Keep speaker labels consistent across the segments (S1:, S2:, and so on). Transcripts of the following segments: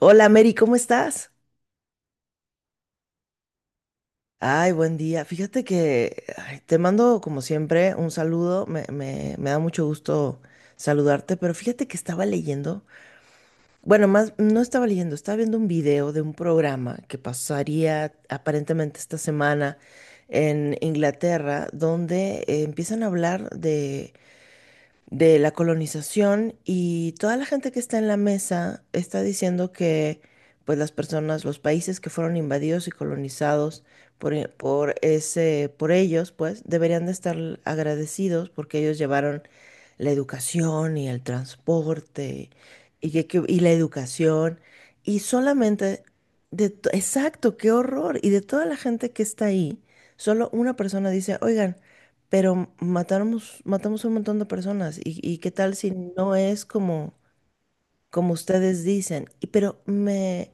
S1: Hola Mary, ¿cómo estás? Ay, buen día. Fíjate que ay, te mando como siempre un saludo. Me da mucho gusto saludarte, pero fíjate que estaba leyendo. Bueno, más no estaba leyendo, estaba viendo un video de un programa que pasaría aparentemente esta semana en Inglaterra, donde empiezan a hablar de la colonización y toda la gente que está en la mesa está diciendo que pues las personas, los países que fueron invadidos y colonizados por, por ese, por ellos, pues deberían de estar agradecidos porque ellos llevaron la educación y el transporte y, y la educación y solamente exacto, qué horror. Y de toda la gente que está ahí, solo una persona dice, oigan, pero matamos, matamos a un montón de personas y qué tal si no es como, como ustedes dicen.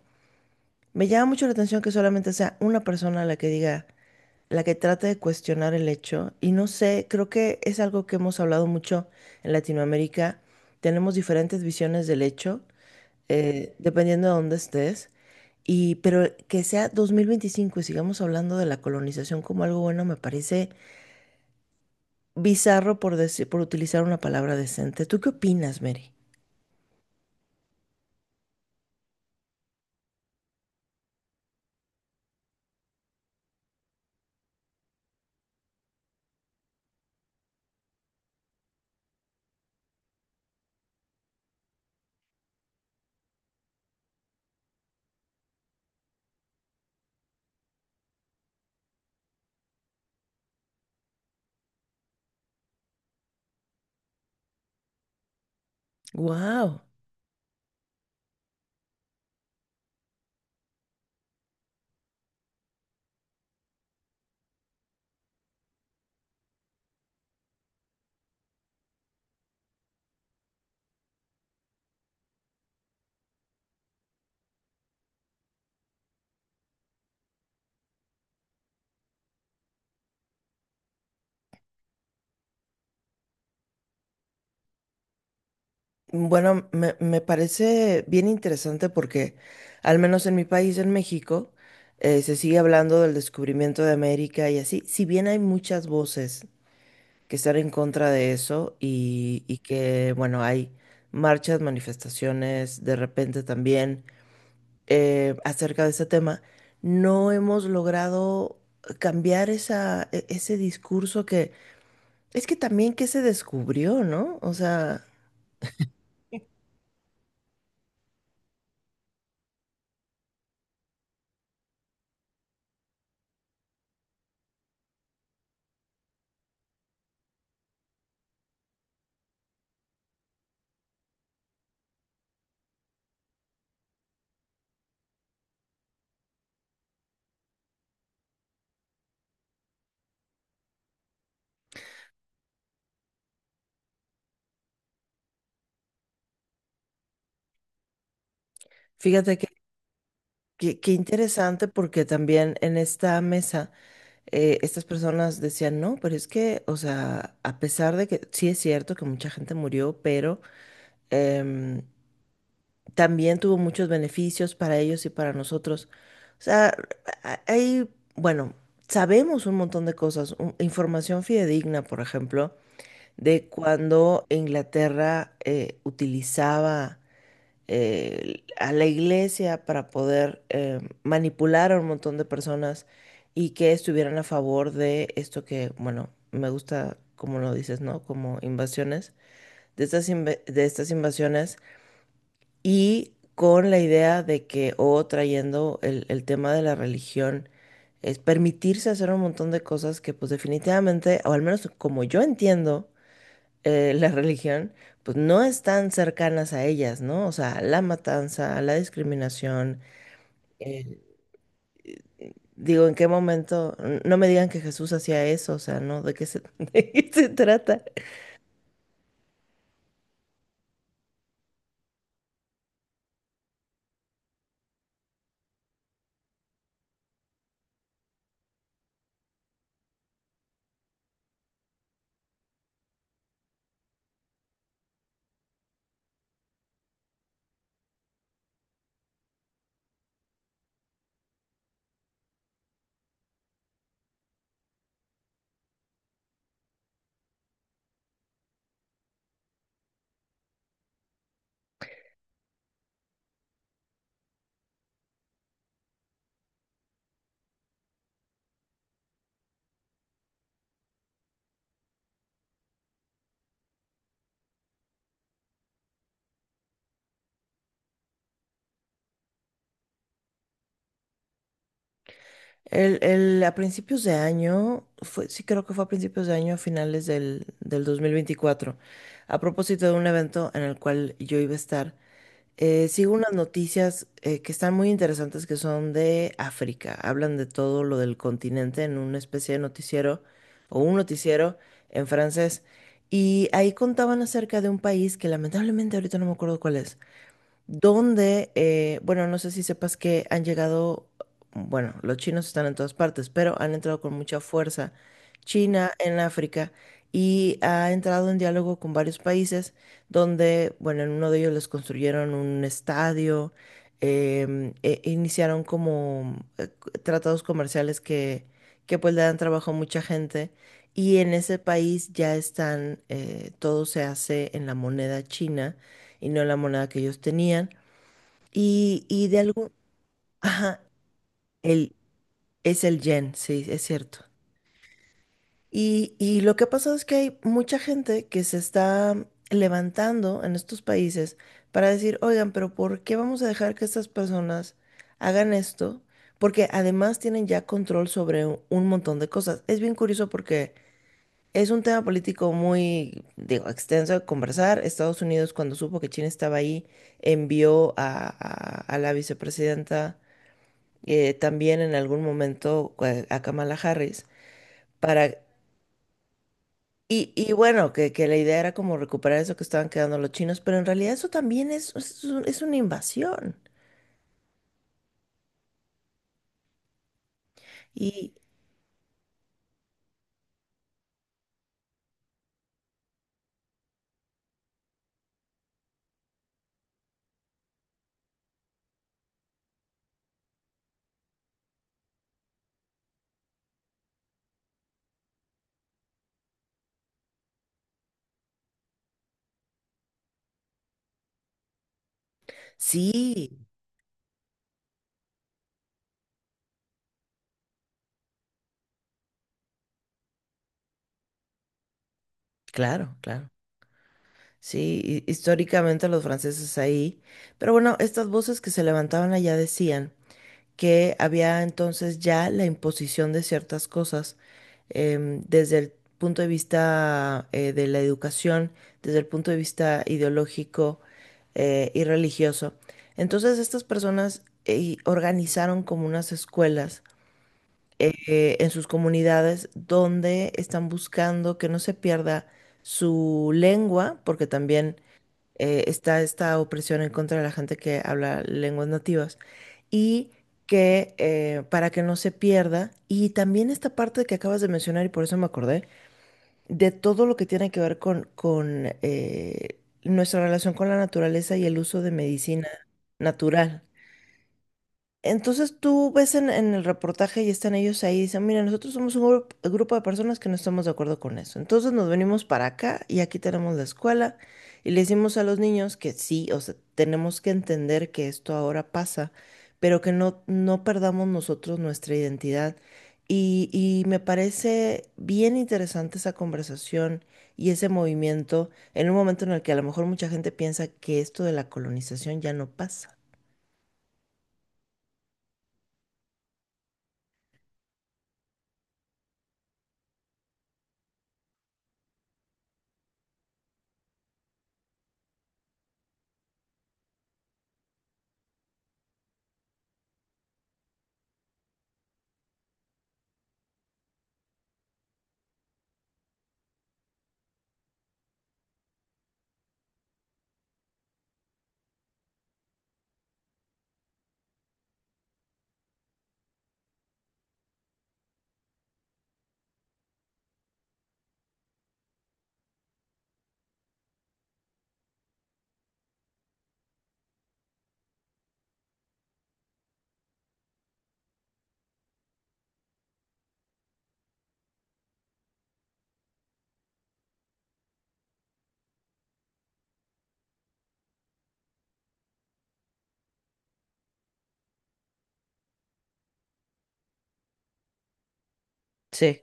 S1: Me llama mucho la atención que solamente sea una persona la que diga la que trata de cuestionar el hecho. Y no sé, creo que es algo que hemos hablado mucho en Latinoamérica. Tenemos diferentes visiones del hecho, dependiendo de dónde estés. Y, pero que sea 2025 y sigamos hablando de la colonización como algo bueno, me parece bizarro por decir, por utilizar una palabra decente. ¿Tú qué opinas, Mary? Wow. Bueno, me parece bien interesante porque, al menos en mi país, en México, se sigue hablando del descubrimiento de América y así. Si bien hay muchas voces que están en contra de eso y que, bueno, hay marchas, manifestaciones, de repente también acerca de ese tema, no hemos logrado cambiar esa, ese discurso que es que también que se descubrió, ¿no? O sea, fíjate. Qué, qué interesante porque también en esta mesa estas personas decían, no, pero es que, o sea, a pesar de que sí es cierto que mucha gente murió, pero em, también tuvo muchos beneficios para ellos y para nosotros. O sea, a- hay, bueno, sabemos un montón de cosas, información fidedigna, por ejemplo, de cuando Inglaterra utilizaba a la iglesia para poder manipular a un montón de personas y que estuvieran a favor de esto que, bueno, me gusta, como lo dices, ¿no? Como invasiones, de estas, de estas invasiones y con la idea de que, o trayendo el tema de la religión, es permitirse hacer un montón de cosas que pues definitivamente, o al menos como yo entiendo, la religión, pues no están cercanas a ellas, ¿no? O sea, la matanza, la discriminación. eh, Digo, ¿en qué momento? No me digan que Jesús hacía eso, o sea, ¿no? ¿De qué se trata? A principios de año, fue, sí creo que fue a principios de año, a finales del 2024, a propósito de un evento en el cual yo iba a estar, sigo unas noticias que están muy interesantes que son de África. Hablan de todo lo del continente en una especie de noticiero o un noticiero en francés. Y ahí contaban acerca de un país que lamentablemente ahorita no me acuerdo cuál es donde, bueno, no sé si sepas que han llegado, bueno, los chinos están en todas partes, pero han entrado con mucha fuerza China en África y ha entrado en diálogo con varios países donde, bueno, en uno de ellos les construyeron un estadio, iniciaron como tratados comerciales que pues le dan trabajo a mucha gente. Y en ese país ya están, todo se hace en la moneda china y no en la moneda que ellos tenían. Y de algún... Ajá, el, es el yen, sí, es cierto. Y lo que ha pasado es que hay mucha gente que se está levantando en estos países para decir, oigan, pero ¿por qué vamos a dejar que estas personas hagan esto? Porque además tienen ya control sobre un montón de cosas. Es bien curioso porque es un tema político muy, digo, extenso de conversar. Estados Unidos, cuando supo que China estaba ahí, envió a la vicepresidenta también en algún momento a Kamala Harris para... Y, y bueno, que la idea era como recuperar eso que estaban quedando los chinos, pero en realidad eso también es una invasión. Y sí, claro, claro. Sí, históricamente los franceses ahí. Pero bueno, estas voces que se levantaban allá decían que había entonces ya la imposición de ciertas cosas desde el punto de vista de la educación, desde el punto de vista ideológico y religioso. Entonces estas personas organizaron como unas escuelas en sus comunidades donde están buscando que no se pierda su lengua, porque también está esta opresión en contra de la gente que habla lenguas nativas y que para que no se pierda, y también esta parte que acabas de mencionar y por eso me acordé, de todo lo que tiene que ver con nuestra relación con la naturaleza y el uso de medicina natural. Entonces tú ves en el reportaje y están ellos ahí y dicen, mira, nosotros somos un grupo de personas que no estamos de acuerdo con eso. Entonces nos venimos para acá y aquí tenemos la escuela y le decimos a los niños que sí, o sea, tenemos que entender que esto ahora pasa, pero que no, no perdamos nosotros nuestra identidad. Y me parece bien interesante esa conversación y ese movimiento en un momento en el que a lo mejor mucha gente piensa que esto de la colonización ya no pasa. Sí.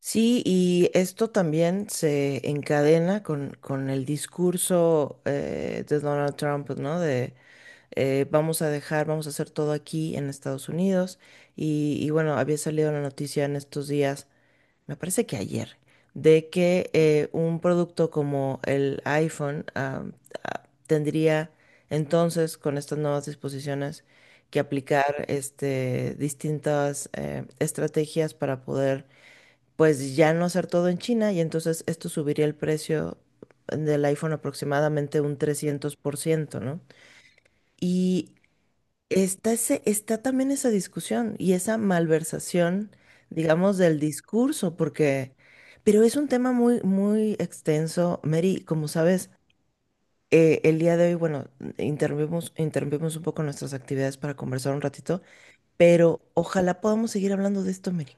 S1: Sí, y esto también se encadena con el discurso de Donald Trump, ¿no? De vamos a dejar, vamos a hacer todo aquí en Estados Unidos. Y bueno, había salido la noticia en estos días, me parece que ayer, de que un producto como el iPhone tendría entonces, con estas nuevas disposiciones, que aplicar este, distintas estrategias para poder pues ya no hacer todo en China y entonces esto subiría el precio del iPhone aproximadamente un 300%, ¿no? Y está, ese, está también esa discusión y esa malversación, digamos, del discurso, porque, pero es un tema muy, muy extenso. Mary, como sabes, el día de hoy, bueno, interrumpimos, interrumpimos un poco nuestras actividades para conversar un ratito, pero ojalá podamos seguir hablando de esto, Mary.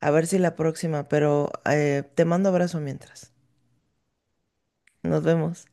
S1: A ver si la próxima, pero te mando abrazo mientras. Nos vemos.